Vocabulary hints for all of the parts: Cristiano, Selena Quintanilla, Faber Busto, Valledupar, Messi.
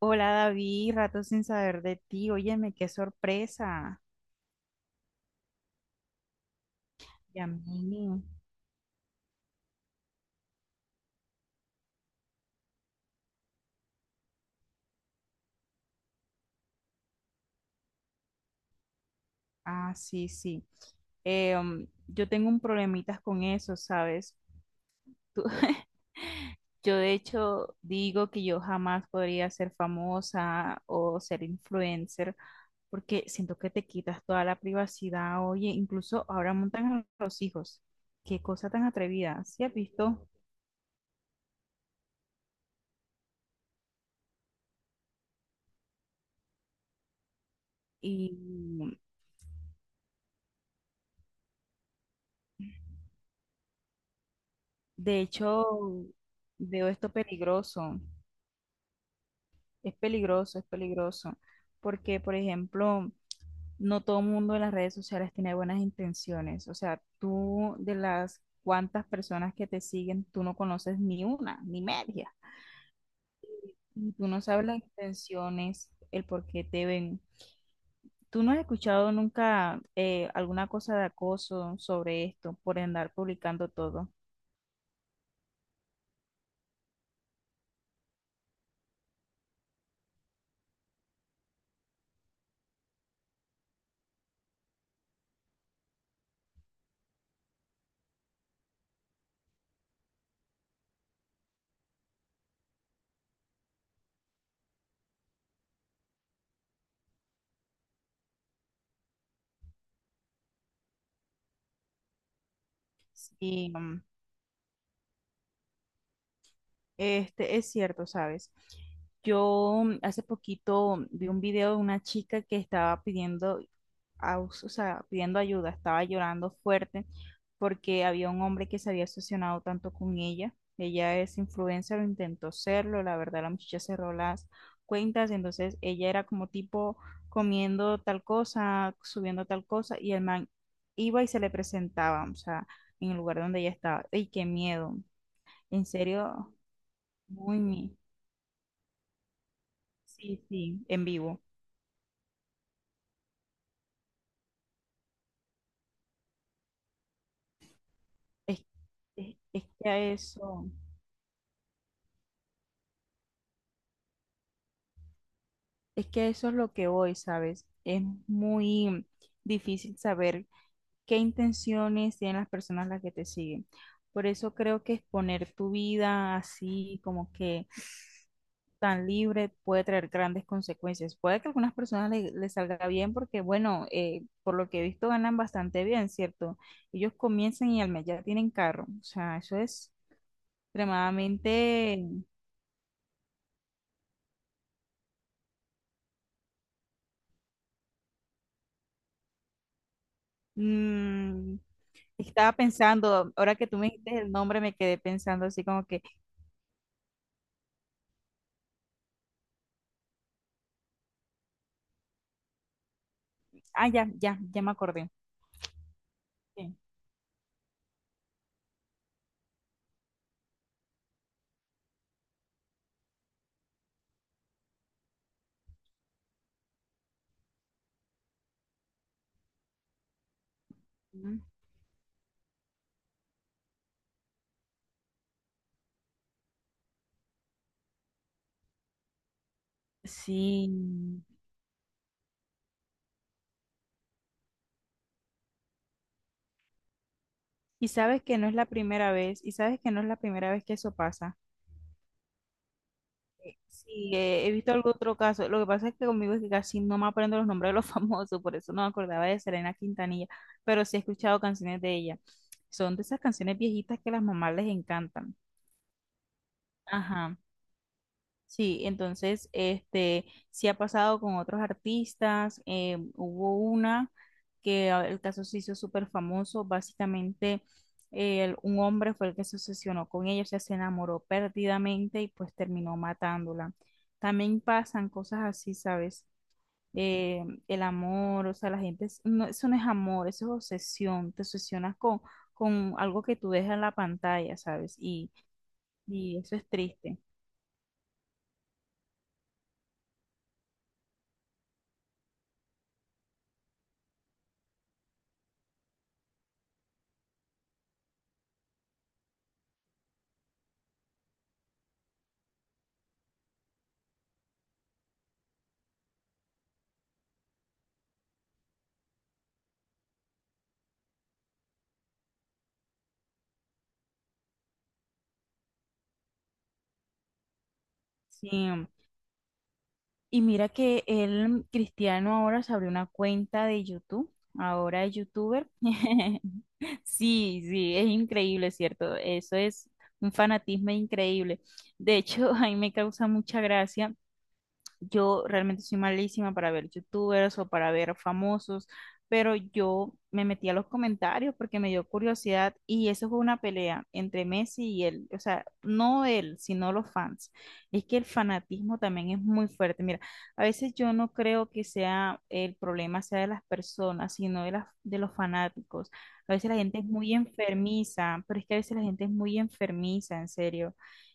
Hola David, rato sin saber de ti. Óyeme, qué sorpresa. Y a mí. Ah, sí, sí. Yo tengo un problemitas con eso, ¿sabes? Tú- yo de hecho digo que yo jamás podría ser famosa o ser influencer porque siento que te quitas toda la privacidad. Oye, incluso ahora montan a los hijos. Qué cosa tan atrevida. ¿Sí has visto? Y de hecho veo esto peligroso. Es peligroso, es peligroso, porque, por ejemplo, no todo el mundo en las redes sociales tiene buenas intenciones. O sea, tú de las cuantas personas que te siguen, tú no conoces ni una, ni media. Y tú no sabes las intenciones, el por qué te ven. ¿Tú no has escuchado nunca alguna cosa de acoso sobre esto por andar publicando todo? Sí, mm, este, es cierto, ¿sabes? Yo mm, hace poquito vi un video de una chica que estaba pidiendo, o sea, pidiendo ayuda, estaba llorando fuerte porque había un hombre que se había obsesionado tanto con ella. Ella es influencer, lo intentó serlo, la verdad la muchacha cerró las cuentas, entonces ella era como tipo comiendo tal cosa, subiendo tal cosa y el man iba y se le presentaba, o sea, en el lugar donde ella estaba. ¡Ey, qué miedo! En serio, muy miedo. Sí, sí, en vivo. Es, es que a eso, es que a eso es lo que voy, ¿sabes? Es muy difícil saber qué intenciones tienen las personas las que te siguen. Por eso creo que exponer tu vida así, como que tan libre, puede traer grandes consecuencias. Puede que a algunas personas les salga bien porque, bueno, por lo que he visto ganan bastante bien, ¿cierto? Ellos comienzan y al mes ya tienen carro. O sea, eso es extremadamente. Mm, estaba pensando, ahora que tú me dijiste el nombre, me quedé pensando así como que, ah, ya me acordé. Sí. Ujú. Sí. Y sabes que no es la primera vez, y sabes que no es la primera vez que eso pasa. Sí, he visto algún otro caso. Lo que pasa es que conmigo es que casi no me aprendo los nombres de los famosos, por eso no me acordaba de Selena Quintanilla, pero sí he escuchado canciones de ella. Son de esas canciones viejitas que a las mamás les encantan. Ajá. Sí, entonces, este, sí ha pasado con otros artistas. Hubo una que ah, el caso se hizo súper famoso. Básicamente, un hombre fue el que se obsesionó con ella, o sea, se enamoró perdidamente y pues terminó matándola. También pasan cosas así, ¿sabes? El amor, o sea, la gente, no, eso no es amor, eso es obsesión. Te obsesionas con algo que tú dejas en la pantalla, ¿sabes? Y eso es triste. Sí. Y mira que el Cristiano ahora se abrió una cuenta de YouTube, ahora es youtuber. Sí, sí, es increíble, ¿cierto? Eso es un fanatismo increíble. De hecho, a mí me causa mucha gracia, yo realmente soy malísima para ver youtubers o para ver famosos, pero yo me metí a los comentarios porque me dio curiosidad y eso fue una pelea entre Messi y él, o sea, no él, sino los fans. Es que el fanatismo también es muy fuerte. Mira, a veces yo no creo que sea el problema sea de las personas, sino de las, de los fanáticos. A veces la gente es muy enfermiza, pero es que a veces la gente es muy enfermiza, en serio.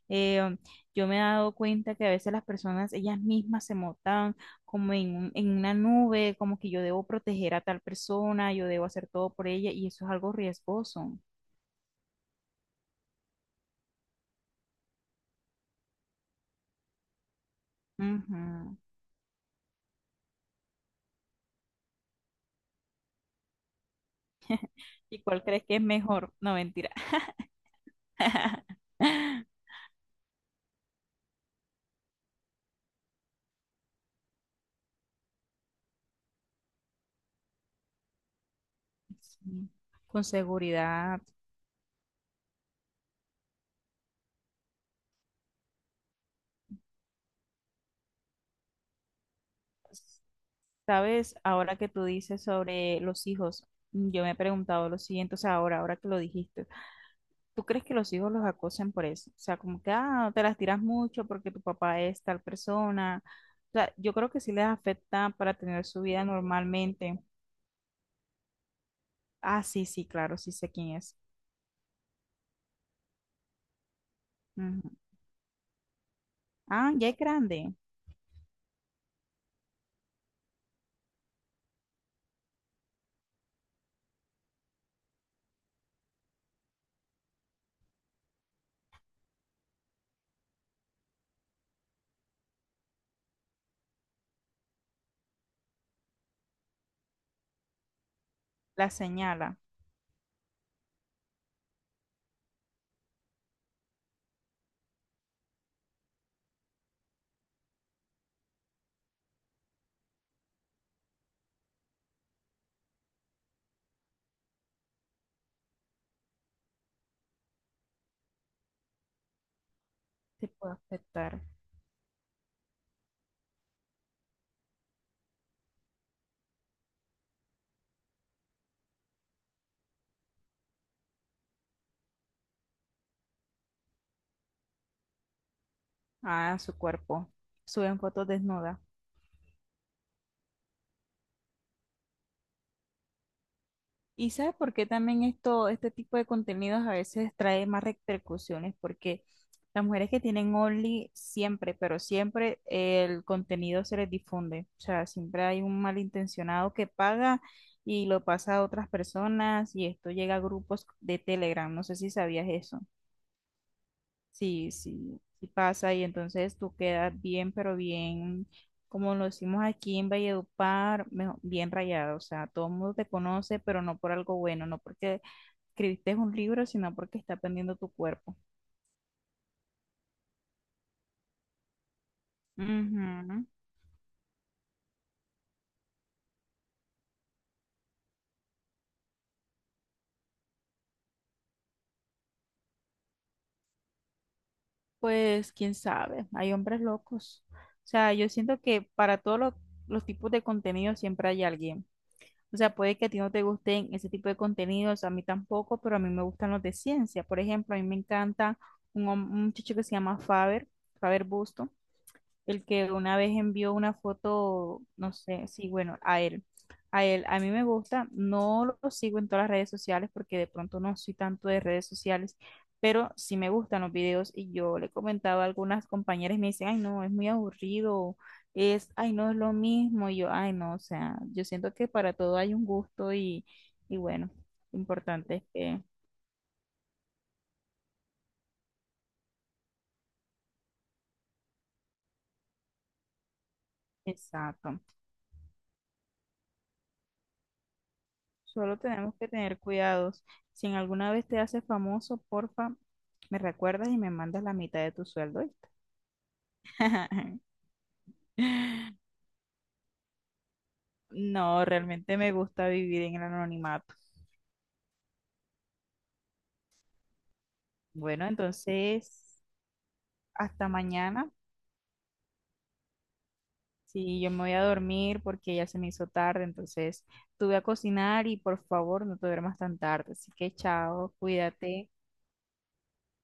Eh, yo me he dado cuenta que a veces las personas, ellas mismas se montan como en en una nube, como que yo debo proteger a tal persona, yo debo hacer todo por ella, y eso es algo riesgoso. Ujú. ¿Y cuál crees que es mejor? No, mentira. Sí, con seguridad. Sabes, ahora que tú dices sobre los hijos, yo me he preguntado lo siguiente, o sea, ahora, ahora que lo dijiste. ¿Tú crees que los hijos los acosan por eso? O sea, como que, ah, no te las tiras mucho porque tu papá es tal persona. O sea, yo creo que sí les afecta para tener su vida normalmente. Ah, sí, sí, claro, sí sé quién es. Ujú. Ah, ya es grande. La señala. Te puede afectar a su cuerpo. Suben fotos desnudas. Y sabes por qué también esto, este tipo de contenidos a veces trae más repercusiones, porque las mujeres que tienen Only siempre, pero siempre el contenido se les difunde. O sea, siempre hay un malintencionado que paga y lo pasa a otras personas y esto llega a grupos de Telegram. No sé si sabías eso. Sí, sí, sí pasa y entonces tú quedas bien, pero bien, como lo decimos aquí en Valledupar, bien rayado. O sea, todo el mundo te conoce, pero no por algo bueno, no porque escribiste un libro, sino porque está pendiendo tu cuerpo. Ujú. Pues quién sabe, hay hombres locos. O sea, yo siento que para todos los tipos de contenido siempre hay alguien. O sea, puede que a ti no te gusten ese tipo de contenidos, a mí tampoco, pero a mí me gustan los de ciencia. Por ejemplo, a mí me encanta un, un muchacho que se llama Faber, Faber Busto, el que una vez envió una foto, no sé, sí, bueno, a él, a él, a mí me gusta, no lo sigo en todas las redes sociales porque de pronto no soy tanto de redes sociales, pero sí me gustan los videos y yo le comentaba a algunas compañeras y me dicen, ay, no, es muy aburrido, es, ay, no es lo mismo, y yo, ay, no, o sea, yo siento que para todo hay un gusto y bueno, importante es que, exacto. Solo tenemos que tener cuidados. Si en alguna vez te haces famoso, porfa, me recuerdas y me mandas la mitad de tu sueldo, ¿oíste? No, realmente me gusta vivir en el anonimato. Bueno, entonces, hasta mañana. Sí, yo me voy a dormir porque ya se me hizo tarde, entonces tuve a cocinar y por favor no te duermas tan tarde. Así que chao, cuídate.